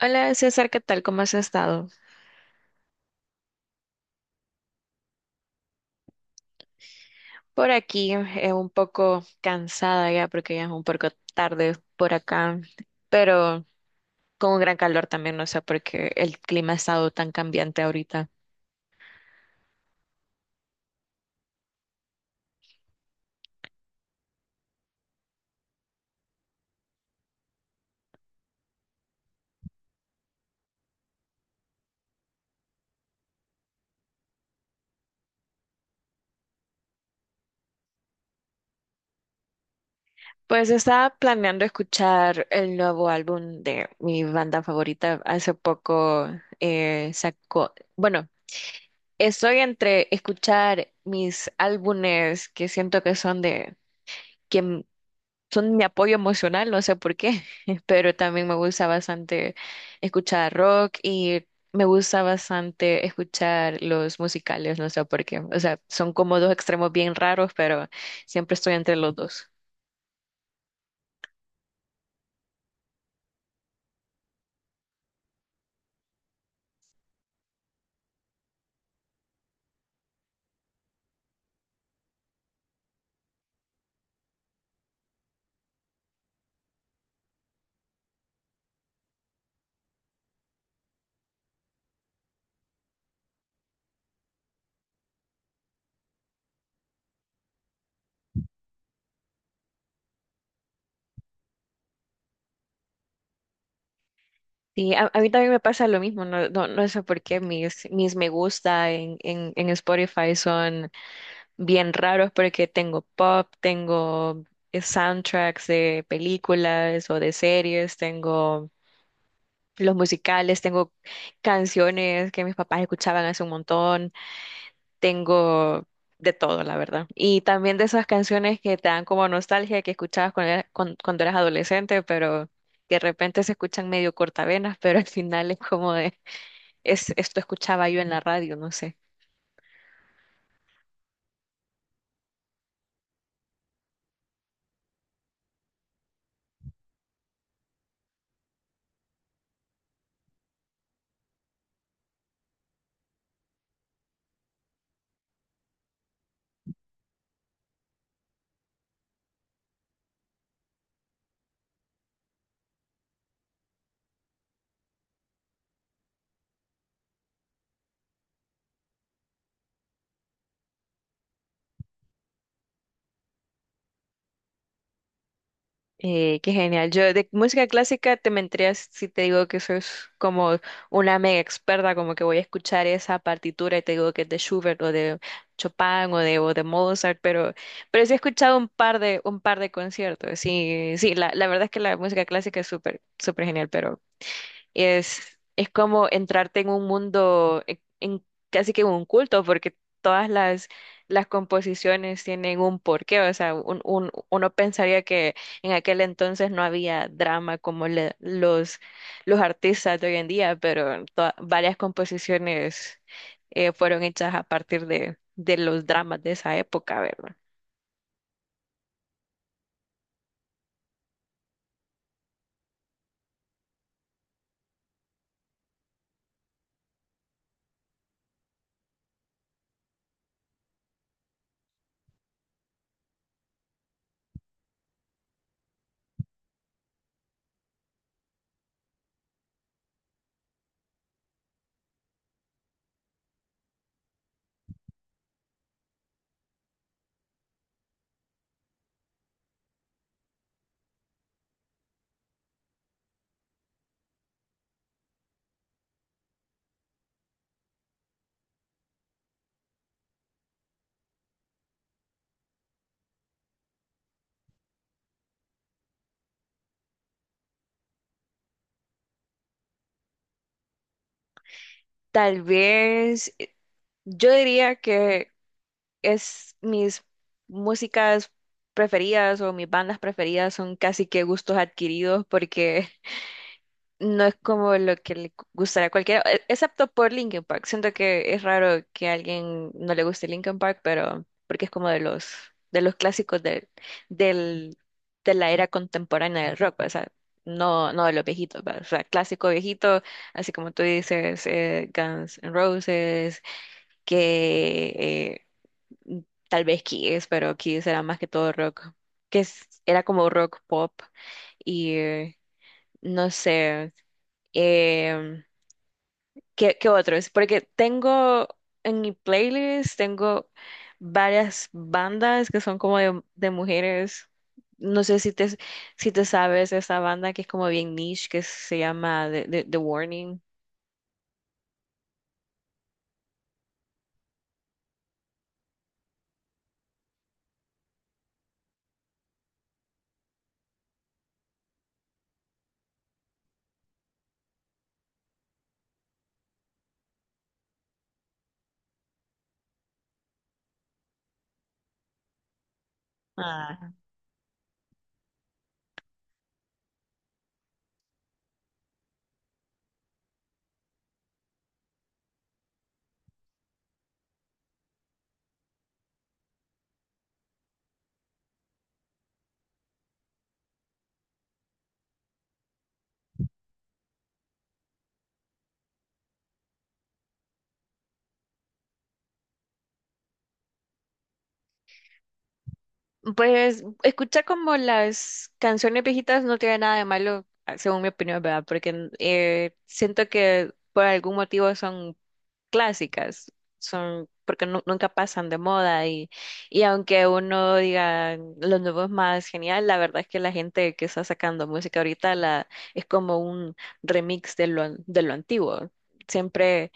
Hola César, ¿qué tal? ¿Cómo has estado? Por aquí un poco cansada ya porque ya es un poco tarde por acá, pero con un gran calor también, no sé por qué el clima ha estado tan cambiante ahorita. Pues estaba planeando escuchar el nuevo álbum de mi banda favorita. Hace poco sacó, bueno, estoy entre escuchar mis álbumes que siento que son de son mi apoyo emocional, no sé por qué, pero también me gusta bastante escuchar rock y me gusta bastante escuchar los musicales, no sé por qué. O sea, son como dos extremos bien raros, pero siempre estoy entre los dos. Sí, a mí también me pasa lo mismo, no, no sé por qué mis, mis me gusta en Spotify son bien raros porque tengo pop, tengo soundtracks de películas o de series, tengo los musicales, tengo canciones que mis papás escuchaban hace un montón, tengo de todo, la verdad. Y también de esas canciones que te dan como nostalgia que escuchabas cuando cuando eras adolescente, pero que de repente se escuchan medio cortavenas, pero al final es como de, es, esto escuchaba yo en la radio, no sé. Qué genial. Yo de música clásica te mentirías si te digo que sos como una mega experta, como que voy a escuchar esa partitura y te digo que es de Schubert o de Chopin o de Mozart, pero sí he escuchado un par de conciertos. Sí, sí, la verdad es que la música clásica es súper, súper genial, es como entrarte en un mundo, en casi que en un culto, porque todas las composiciones tienen un porqué. O sea, uno pensaría que en aquel entonces no había drama como los artistas de hoy en día, pero varias composiciones fueron hechas a partir de los dramas de esa época, ¿verdad? Tal vez yo diría es mis músicas preferidas o mis bandas preferidas son casi que gustos adquiridos porque no es como lo que le gustará a cualquiera, excepto por Linkin Park. Siento que es raro que a alguien no le guste Linkin Park, pero porque es como de los clásicos del del de la era contemporánea del rock, o sea, no de los viejitos, ¿va? O sea, clásico viejito, así como tú dices, Guns N' Roses, que mm, tal vez Kiss, pero Kiss era más que todo rock, que era como rock pop y no sé, em, ¿qué, qué otros? Porque tengo en mi playlist, tengo varias bandas que son como de mujeres. No sé si si te sabes esa banda que es como bien niche, que se llama The Warning. Pues escuchar como las canciones viejitas no tiene nada de malo, ah, según mi opinión, ¿verdad? Porque siento que por algún motivo son clásicas, son porque nunca pasan de moda y aunque uno diga lo nuevo es más genial, la verdad es que la gente que está sacando música ahorita la, es como un remix de lo antiguo. Siempre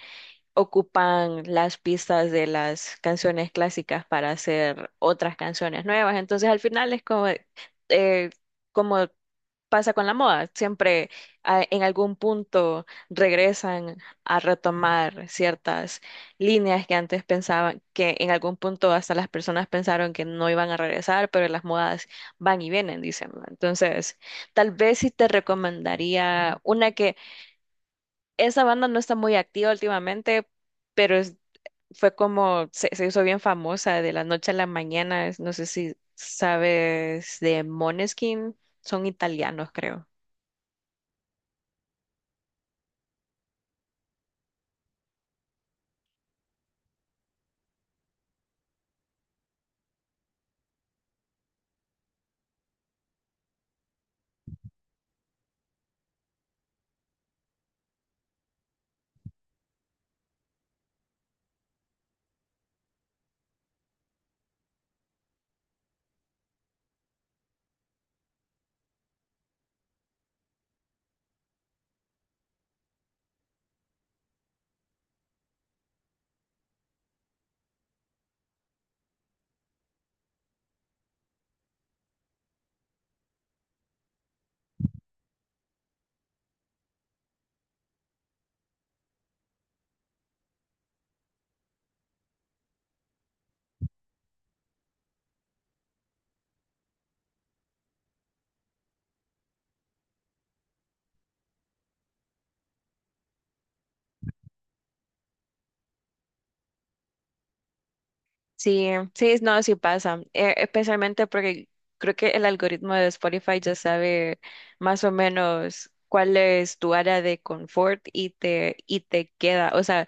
ocupan las pistas de las canciones clásicas para hacer otras canciones nuevas. Entonces al final es como, eh, como pasa con la moda, siempre ah, en algún punto regresan a retomar ciertas líneas que antes pensaban, que en algún punto hasta las personas pensaron que no iban a regresar, pero las modas van y vienen, dicen, ¿no? Entonces, tal vez sí te recomendaría una que esa banda no está muy activa últimamente, pero es fue como, se hizo bien famosa de la noche a la mañana. No sé si sabes de Moneskin, son italianos, creo. Sí, sí, no, sí pasa. Especialmente porque creo que el algoritmo de Spotify ya sabe más o menos cuál es tu área de confort y y te queda. O sea,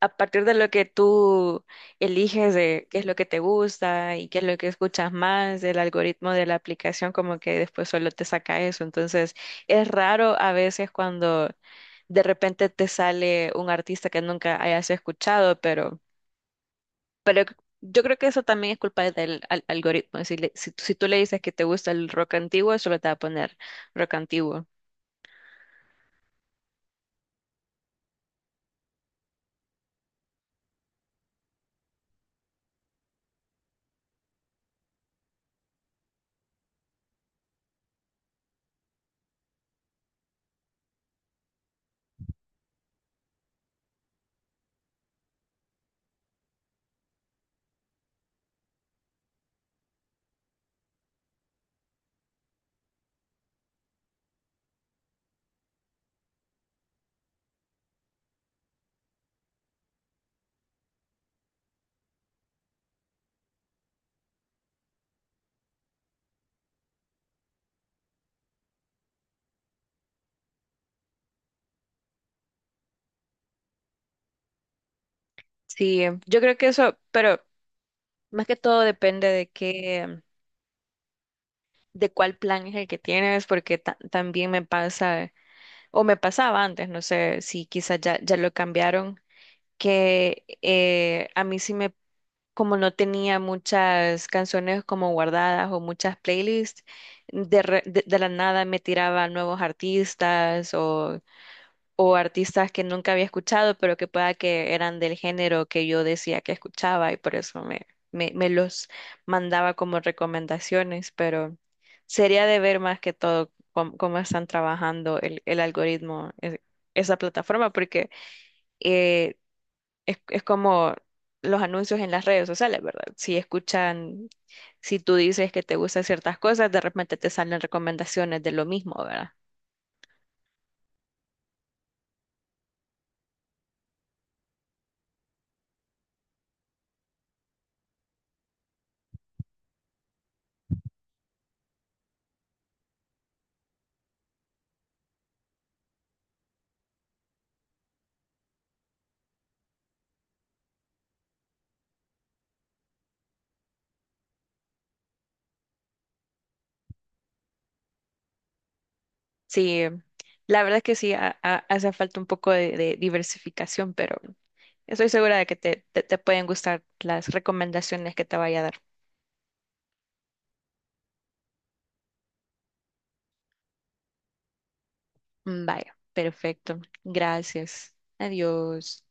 a partir de lo que tú eliges de qué es lo que te gusta y qué es lo que escuchas más, el algoritmo de la aplicación como que después solo te saca eso. Entonces, es raro a veces cuando de repente te sale un artista que nunca hayas escuchado, pero yo creo que eso también es culpa del algoritmo. Si, si tú le dices que te gusta el rock antiguo, solo te va a poner rock antiguo. Sí, yo creo que eso, pero más que todo depende de qué, de cuál plan es el que tienes, porque también me pasa, o me pasaba antes, no sé si quizás ya, ya lo cambiaron, que a mí sí me, como no tenía muchas canciones como guardadas o muchas playlists, de la nada me tiraba nuevos artistas o artistas que nunca había escuchado, pero que pueda que eran del género que yo decía que escuchaba y por eso me los mandaba como recomendaciones, pero sería de ver más que todo cómo, cómo están trabajando el algoritmo, esa plataforma, porque eh, es como los anuncios en las redes sociales, ¿verdad? Si escuchan, si tú dices que te gustan ciertas cosas, de repente te salen recomendaciones de lo mismo, ¿verdad? Sí, la verdad que sí, hace falta un poco de diversificación, pero estoy segura de que te pueden gustar las recomendaciones que te vaya a dar. Mm, vaya, perfecto. Gracias. Adiós.